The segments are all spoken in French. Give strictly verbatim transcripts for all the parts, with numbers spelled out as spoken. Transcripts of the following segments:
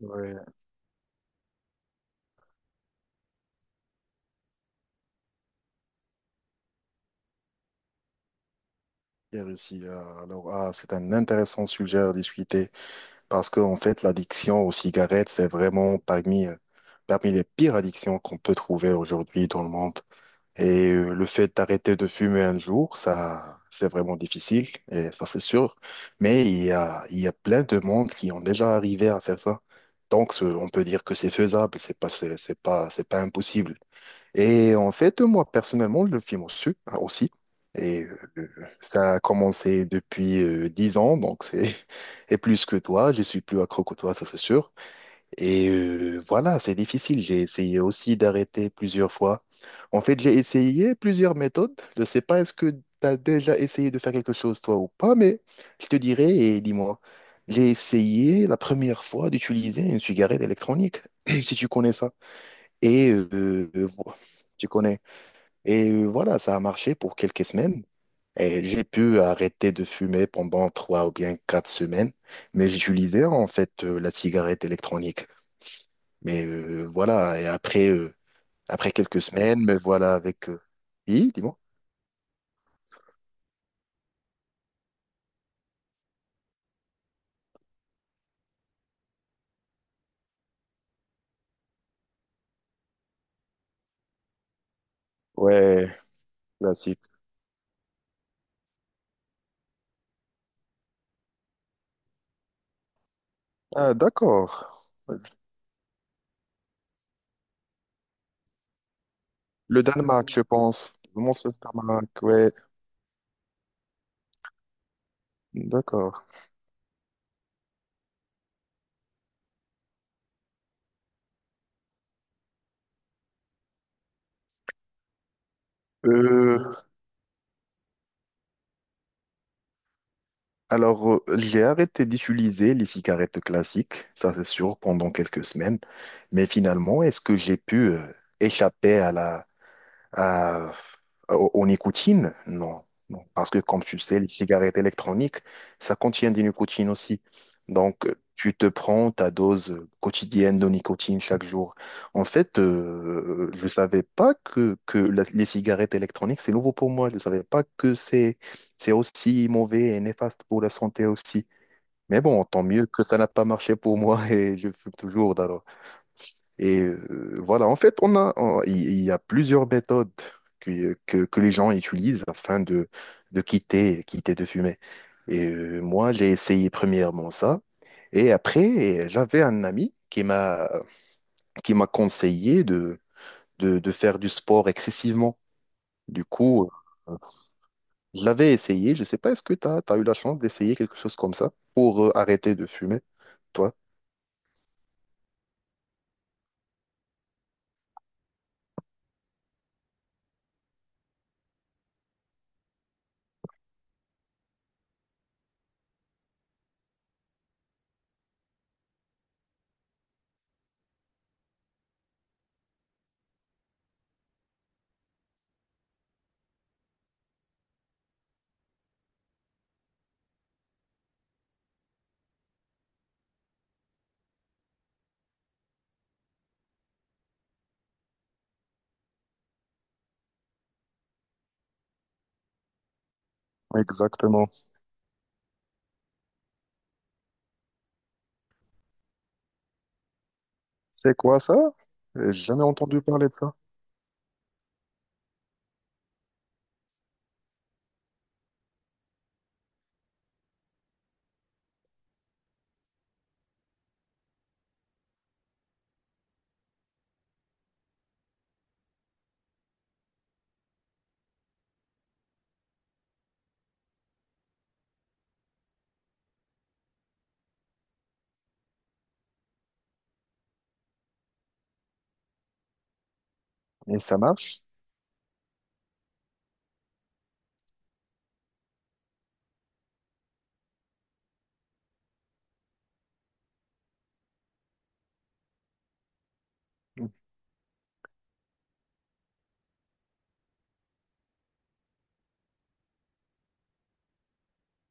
Ouais, et réussi. euh, Alors, ah, c'est un intéressant sujet à discuter parce que, en fait, l'addiction aux cigarettes, c'est vraiment parmi, euh, parmi les pires addictions qu'on peut trouver aujourd'hui dans le monde. Et euh, le fait d'arrêter de fumer un jour, ça, c'est vraiment difficile, et ça, c'est sûr. Mais il y a, il y a plein de monde qui ont déjà arrivé à faire ça. Donc, ce- on peut dire que c'est faisable, c'est pas, c'est c'est pas, c'est pas impossible. Et en fait, moi, personnellement, le film aussi. aussi. Et euh, euh, Ça a commencé depuis euh, dix ans, donc c'est et plus que toi. Je suis plus accro que toi, ça c'est sûr. Et euh, voilà, c'est difficile. J'ai essayé aussi d'arrêter plusieurs fois. En fait, j'ai essayé plusieurs méthodes. Je ne sais pas est-ce que tu as déjà essayé de faire quelque chose, toi, ou pas, mais je te dirai et dis-moi. J'ai essayé la première fois d'utiliser une cigarette électronique, si tu connais ça. Et euh, euh, Tu connais. Et euh, voilà, ça a marché pour quelques semaines. Et j'ai pu arrêter de fumer pendant trois ou bien quatre semaines, mais j'utilisais en fait euh, la cigarette électronique. Mais euh, voilà, et après, euh, après quelques semaines, me voilà avec... euh, Oui, dis-moi. Ouais, classique. Ah, d'accord. Le Danemark, je pense. Vraiment, c'est le Danemark, ouais. D'accord. Euh, Alors, euh, j'ai arrêté d'utiliser les cigarettes classiques, ça c'est sûr, pendant quelques semaines. Mais finalement, est-ce que j'ai pu euh, échapper à la, euh, au, au nicotine, non. Non. Parce que comme tu le sais, les cigarettes électroniques, ça contient du nicotine aussi. Donc, euh, tu te prends ta dose quotidienne de nicotine chaque jour. En fait, euh, je ne savais pas que, que la- les cigarettes électroniques, c'est nouveau pour moi. Je ne savais pas que c'est, c'est aussi mauvais et néfaste pour la santé aussi. Mais bon, tant mieux que ça n'a pas marché pour moi et je fume toujours. Et euh, voilà, en fait, on a, on- il il y a plusieurs méthodes que, que, que les gens utilisent afin de, de quitter, quitter de fumer. Et euh, moi, j'ai essayé premièrement ça. Et après, j'avais un ami qui m'a, qui m'a conseillé de, de, de faire du sport excessivement. Du coup, euh, je l'avais essayé. Je sais pas, est-ce que tu as eu la chance d'essayer quelque chose comme ça pour euh, arrêter de fumer, toi? Exactement. C'est quoi ça? J'ai jamais entendu parler de ça. Et ça marche?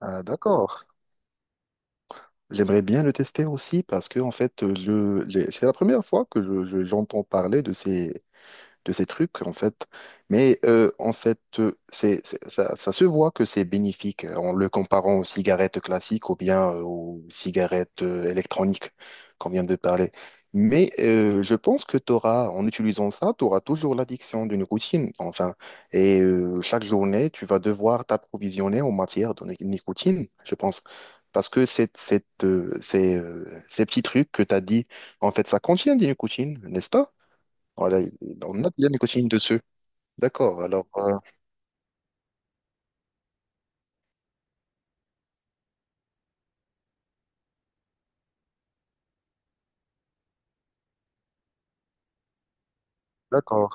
Ah, d'accord. J'aimerais bien le tester aussi parce que en fait, je, j'ai- c'est la première fois que je, je- j'entends parler de ces, de ces trucs, en fait. Mais euh, en fait, euh, c'est, c'est- ça, ça se voit que c'est bénéfique euh, en le comparant aux cigarettes classiques ou bien euh, aux cigarettes euh, électroniques qu'on vient de parler. Mais euh, je pense que t'auras, en utilisant ça, tu auras toujours l'addiction d'une routine, enfin. Et euh, chaque journée, tu vas devoir t'approvisionner en matière de ni- nicotine, je pense. Parce que cette, cette, euh, ces, euh, ces petits trucs que tu as dit, en fait, ça contient des nicotines, n'est-ce pas? Voilà, on a bien nicotine dessus. D'accord, alors, euh, d'accord,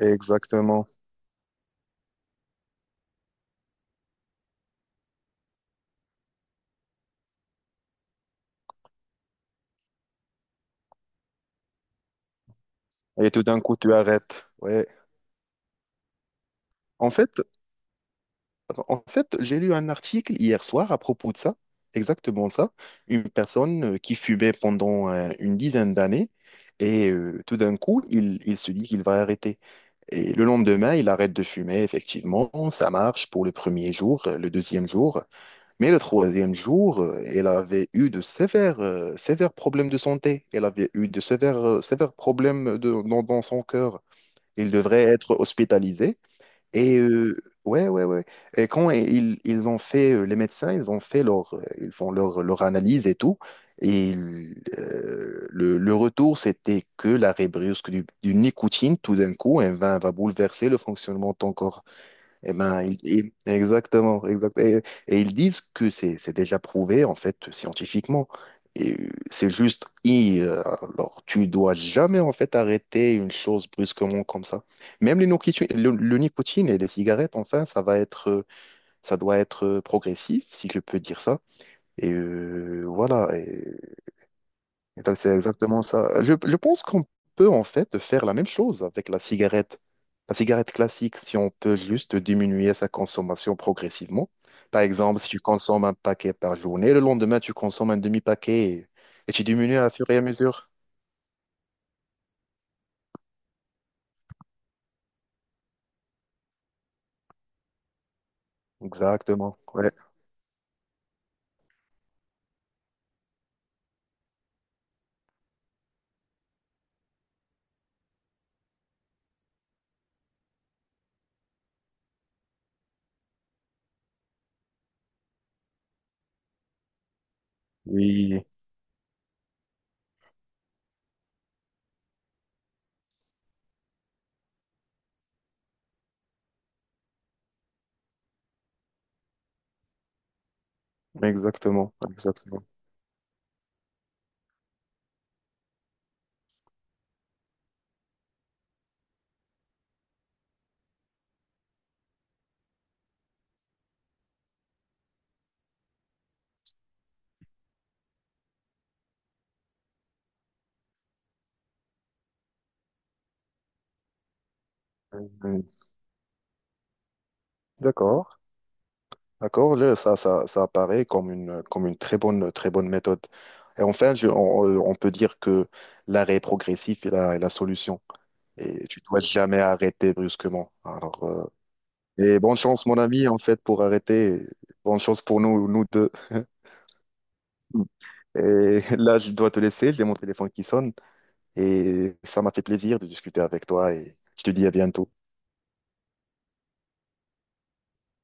exactement. Et tout d'un coup, tu arrêtes. Ouais. En fait, En fait, j'ai lu un article hier soir à propos de ça, exactement ça. Une personne euh, qui fumait pendant euh, une dizaine d'années et euh, tout d'un coup, il, il se dit qu'il va arrêter. Et le lendemain, il arrête de fumer, effectivement. Ça marche pour le premier jour, euh, le deuxième jour. Mais le troisième jour, euh, elle avait eu de sévères, euh, sévères problèmes de santé. Elle avait eu de sévères, euh, sévères problèmes de, dans, dans son cœur. Il devrait être hospitalisé. Et euh, ouais, ouais, ouais. Et quand ils, ils ont fait, euh, les médecins, ils ont fait leur, euh, ils font leur, leur analyse et tout. Et ils, euh, le, le retour, c'était que la brusque du, du nicotine, tout d'un coup, elle va, va bouleverser le fonctionnement de ton corps. Eh ben, il- il- exactement, exact. Et, et ils disent que c'est c'est déjà prouvé en fait scientifiquement. Et euh, c'est juste, i- euh, alors tu dois jamais en fait arrêter une chose brusquement comme ça. Même les nicotine, le, le nicotine et les cigarettes, enfin, ça va être, euh, ça doit être euh, progressif, si je peux dire ça. Et euh, voilà. Exact- C'est exactement ça. Euh, Je, je pense qu'on peut en fait faire la même chose avec la cigarette. La cigarette classique, si on peut juste diminuer sa consommation progressivement. Par exemple, si tu consommes un paquet par journée, le lendemain, tu consommes un demi-paquet et, et tu diminues à fur et à mesure. Exactement. Ouais. Oui, exactement. Exactement. Mhm. D'accord. D'accord, là, ça, ça, ça apparaît comme une, comme une très bonne, très bonne méthode. Et enfin, je- on, on peut dire que l'arrêt progressif est la, est la solution. Et tu dois jamais arrêter brusquement. Alors, euh, et bonne chance, mon ami, en fait, pour arrêter. Bonne chance pour nous, nous deux. Et là, je dois te laisser. J'ai mon téléphone qui sonne. Et ça m'a fait plaisir de discuter avec toi. Et je te dis à bientôt.